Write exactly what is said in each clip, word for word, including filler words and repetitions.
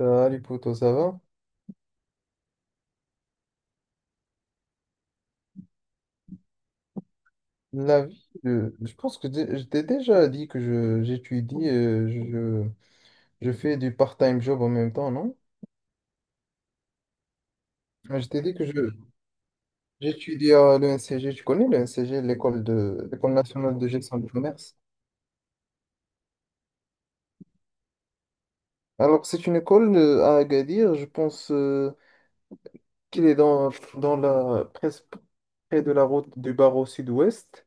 Salut poto, ça va? La vie, je, je pense que dé- je t'ai déjà dit que je, j'étudie, euh, je, je fais du part-time job en même temps, non? Je t'ai dit que je, j'étudie à l'E N C G, tu connais l'E N C G, l'école de, l'école nationale de gestion du commerce. Alors c'est une école euh, à Agadir, je pense euh, qu'il est dans, dans la, presque près de la route du barreau sud-ouest.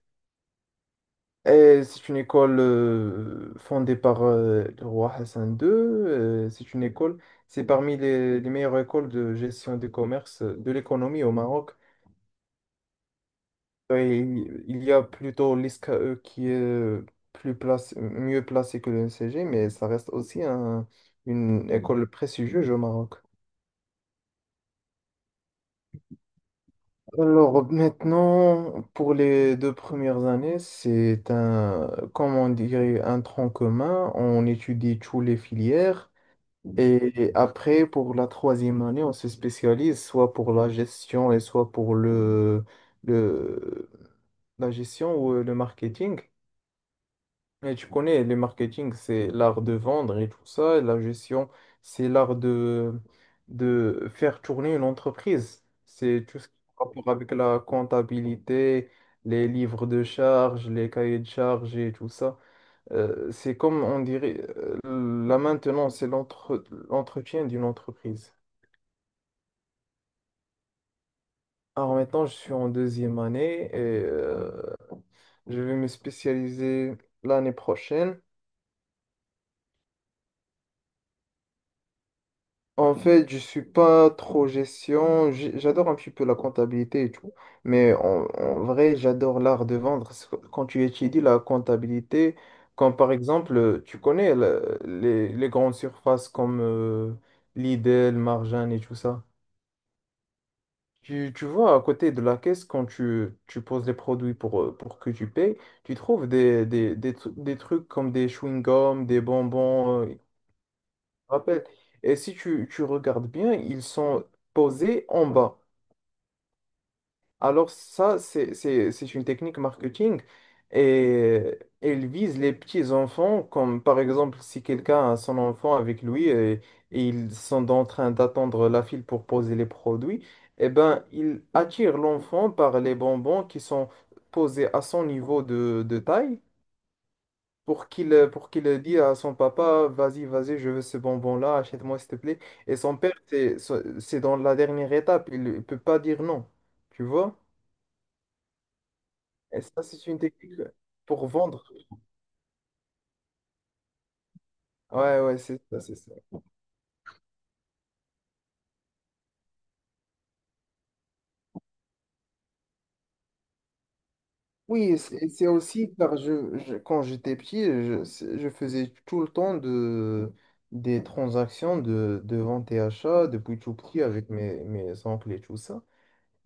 Et c'est une école euh, fondée par euh, le roi Hassan deux. euh, c'est une école, c'est parmi les, les meilleures écoles de gestion des commerces, euh, de l'économie au Maroc. Et il il y a plutôt l'I S K E qui est euh, plus place, mieux placé que le N C G, mais ça reste aussi un- une école prestigieuse au Maroc. Alors maintenant, pour les deux premières années, c'est un, comment on dirait, un tronc commun. On étudie toutes les filières. Et après, pour la troisième année, on se spécialise soit pour la gestion et soit pour le, le, la gestion ou euh, le marketing. Et tu connais, le marketing, c'est l'art de vendre et tout ça. Et la gestion, c'est l'art de, de faire tourner une entreprise. C'est tout ce qui a rapport avec la comptabilité, les livres de charges, les cahiers de charges et tout ça. Euh, c'est comme on dirait, euh, la maintenance, c'est l'entre- l'entretien d'une entreprise. Alors maintenant, je suis en deuxième année et euh, je vais me spécialiser l'année prochaine. En fait, je suis pas trop gestion, j'ai- j'adore un petit peu la comptabilité et tout, mais en, en vrai, j'adore l'art de vendre. Parce que Quand tu étudies la comptabilité, comme par exemple, tu connais le- les, les grandes surfaces comme euh, Lidl, Marjan et tout ça. Tu, tu vois, à côté de la caisse, quand tu, tu poses les produits pour, euh, pour que tu payes, tu trouves des, des, des, tru- des trucs comme des chewing-gums, des bonbons, euh, rappelle. Et si tu, tu regardes bien, ils sont posés en bas. Alors ça, c'est, c'est, c'est une technique marketing et elle vise les petits enfants, comme par exemple si quelqu'un a son enfant avec lui et, et ils sont en train d'attendre la file pour poser les produits, eh ben il attire l'enfant par les bonbons qui sont posés à son niveau de, de taille pour qu'il pour qu'il dise à son papa, vas-y, vas-y, je veux ce bonbon-là, achète-moi s'il te plaît. Et son père, c'est c'est dans la dernière étape, il ne peut pas dire non, tu vois? Et ça, c'est une technique pour vendre. Ouais, ouais, c'est ça, c'est ça. Oui, c'est c'est aussi car je, je- quand j'étais petit, je, c'est- je faisais tout le temps de, des transactions de, de vente et achat depuis tout petit avec mes, mes oncles et tout ça.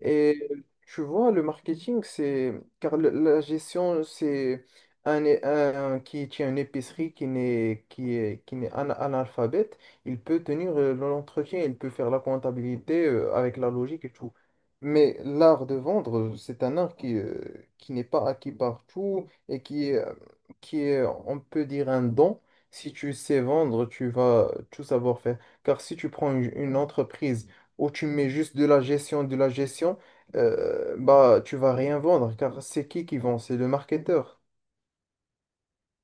Et tu vois, le marketing, c'est... Car le- la gestion, c'est un, é- un qui tient une épicerie qui n'est qui est, qui n'est ana- analphabète, il peut tenir euh, l'entretien, il peut faire la comptabilité euh, avec la logique et tout. Mais l'art de vendre, euh, c'est un art qui, euh, qui n'est pas acquis partout et qui est, euh, qui est, on peut dire, un don. Si tu sais vendre, tu vas tout savoir faire. Car si tu prends une une entreprise où tu mets juste de la gestion, de la gestion, euh, bah, tu vas rien vendre car c'est qui qui vend? C'est le marketeur.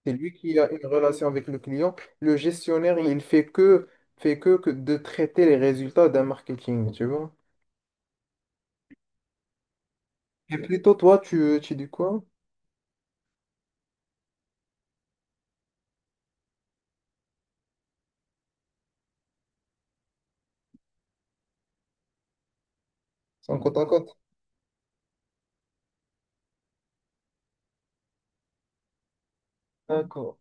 C'est lui qui a une relation avec le client. Le gestionnaire, il fait que, fait que, que de traiter les résultats d'un marketing, tu vois. Et plutôt, toi, tu, tu dis quoi? C'est en compte en compte. D'accord.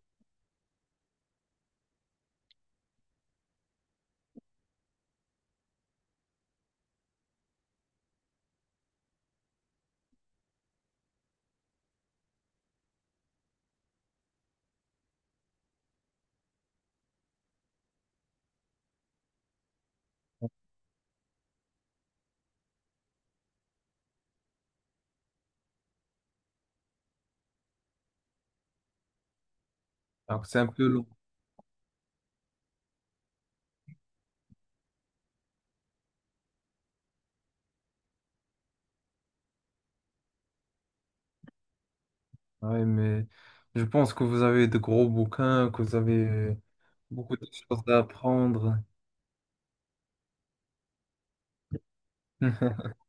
Alors c'est un peu long. Ouais, mais je pense que vous avez de gros bouquins, que vous avez euh, beaucoup de choses à apprendre.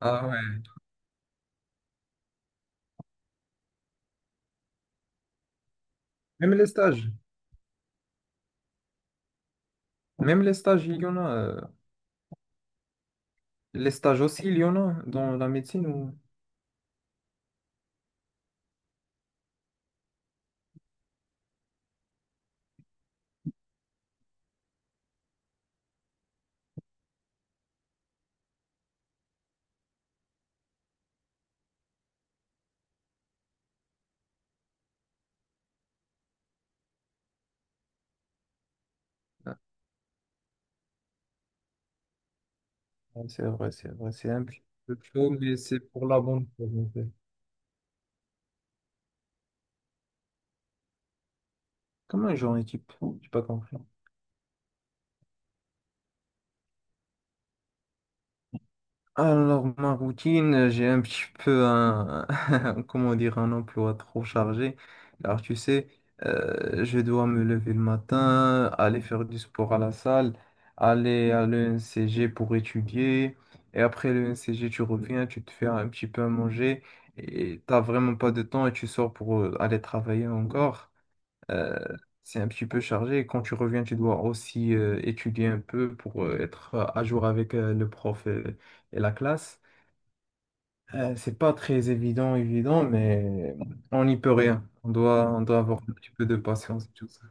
Ah ouais. Même les stages. Même les stages, il y en a. Les stages aussi, il y en a dans la médecine ou... Ah, C'est vrai, c'est vrai, c'est un petit peu chaud, mais c'est pour la bonne cause, en fait. Comment j'en équipe? J'ai pas compris. Alors, ma routine, j'ai un petit peu un, comment dire, un emploi trop chargé. Alors, tu sais, euh, je dois me lever le matin, aller faire du sport à la salle, aller à l'E N C G pour étudier. Et après l'E N C G, tu reviens, tu te fais un petit peu à manger et t'as vraiment pas de temps et tu sors pour euh, aller travailler encore. Euh, c'est un petit peu chargé. Et quand tu reviens, tu dois aussi euh, étudier un peu pour euh, être euh, à jour avec euh, le prof et, et la classe. Euh, c'est pas très évident, évident, mais on n'y peut rien. On doit, on doit avoir un petit peu de patience et tout ça.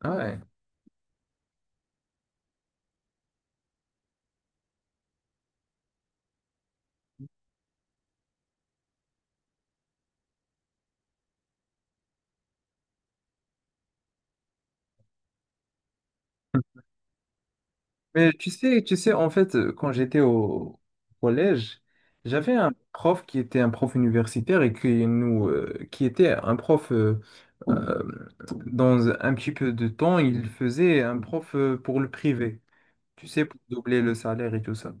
Ah, Ouais. Mais tu sais, tu sais, en fait, euh, quand j'étais au collège, j'avais un prof qui était un prof universitaire et qui nous, euh, qui était un prof euh, euh, dans un petit peu de temps, il faisait un prof euh, pour le privé. Tu sais, pour doubler le salaire et tout ça.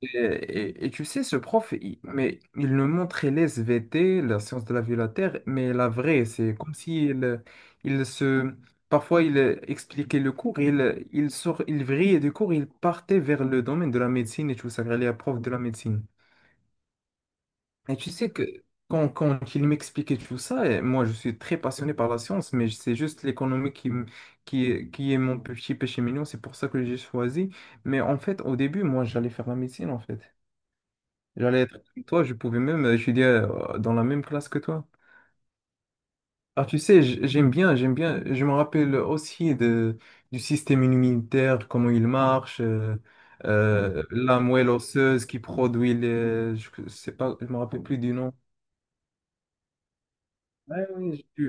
Et, et- et tu sais, ce prof, il, mais il nous montrait les S V T, la science de la vie de la Terre, mais la vraie, c'est comme s'il il se... Parfois, il expliquait le cours, il, il, sort, il vrillait du cours, il partait vers le domaine de la médecine et tout ça, il est prof de la médecine. Et tu sais que quand, quand il m'expliquait tout ça, et moi je suis très passionné par la science, mais c'est juste l'économie qui, m- qui, est- qui est mon petit péché mignon, c'est pour ça que j'ai choisi. Mais en fait, au début, moi j'allais faire la médecine en fait. J'allais être comme toi, je pouvais même euh, étudier euh, dans la même classe que toi. Ah, tu sais, j- j'aime bien, j'aime bien, je me rappelle aussi de, du système immunitaire, comment il marche, euh, euh, la moelle osseuse qui produit les, je sais pas, je me rappelle plus du nom. Ouais, oui, je-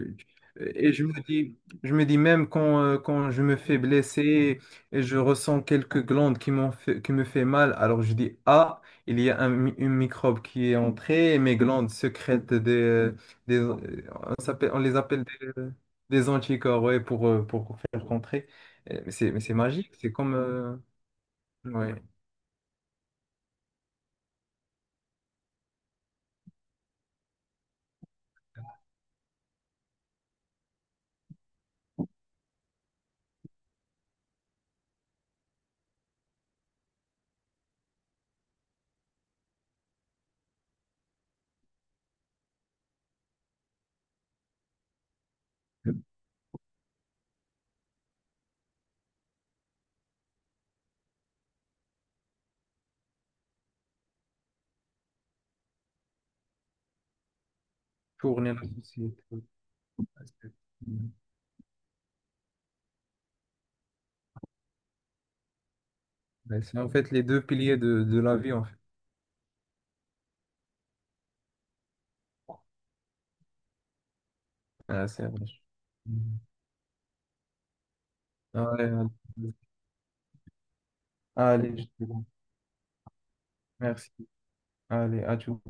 je- et je me dis, je me dis même quand, euh, quand je me fais blesser et je ressens quelques glandes qui m'ont fait, qui me fait mal, alors je dis, ah, il y a un, mi- une microbe qui est entrée et mes glandes sécrètent des, des euh, on s'appelle- on les appelle des, des anticorps, ouais, pour, euh, pour faire contrer. Euh, mais C'est, mais c'est magique, c'est comme, euh, ouais, tourner la société. Ouais, C'est ouais, en fait les deux piliers de, de la vie, en fait. Ouais, c'est vrai. Ouais, allez, allez, je te laisse. Merci. Allez, à tout.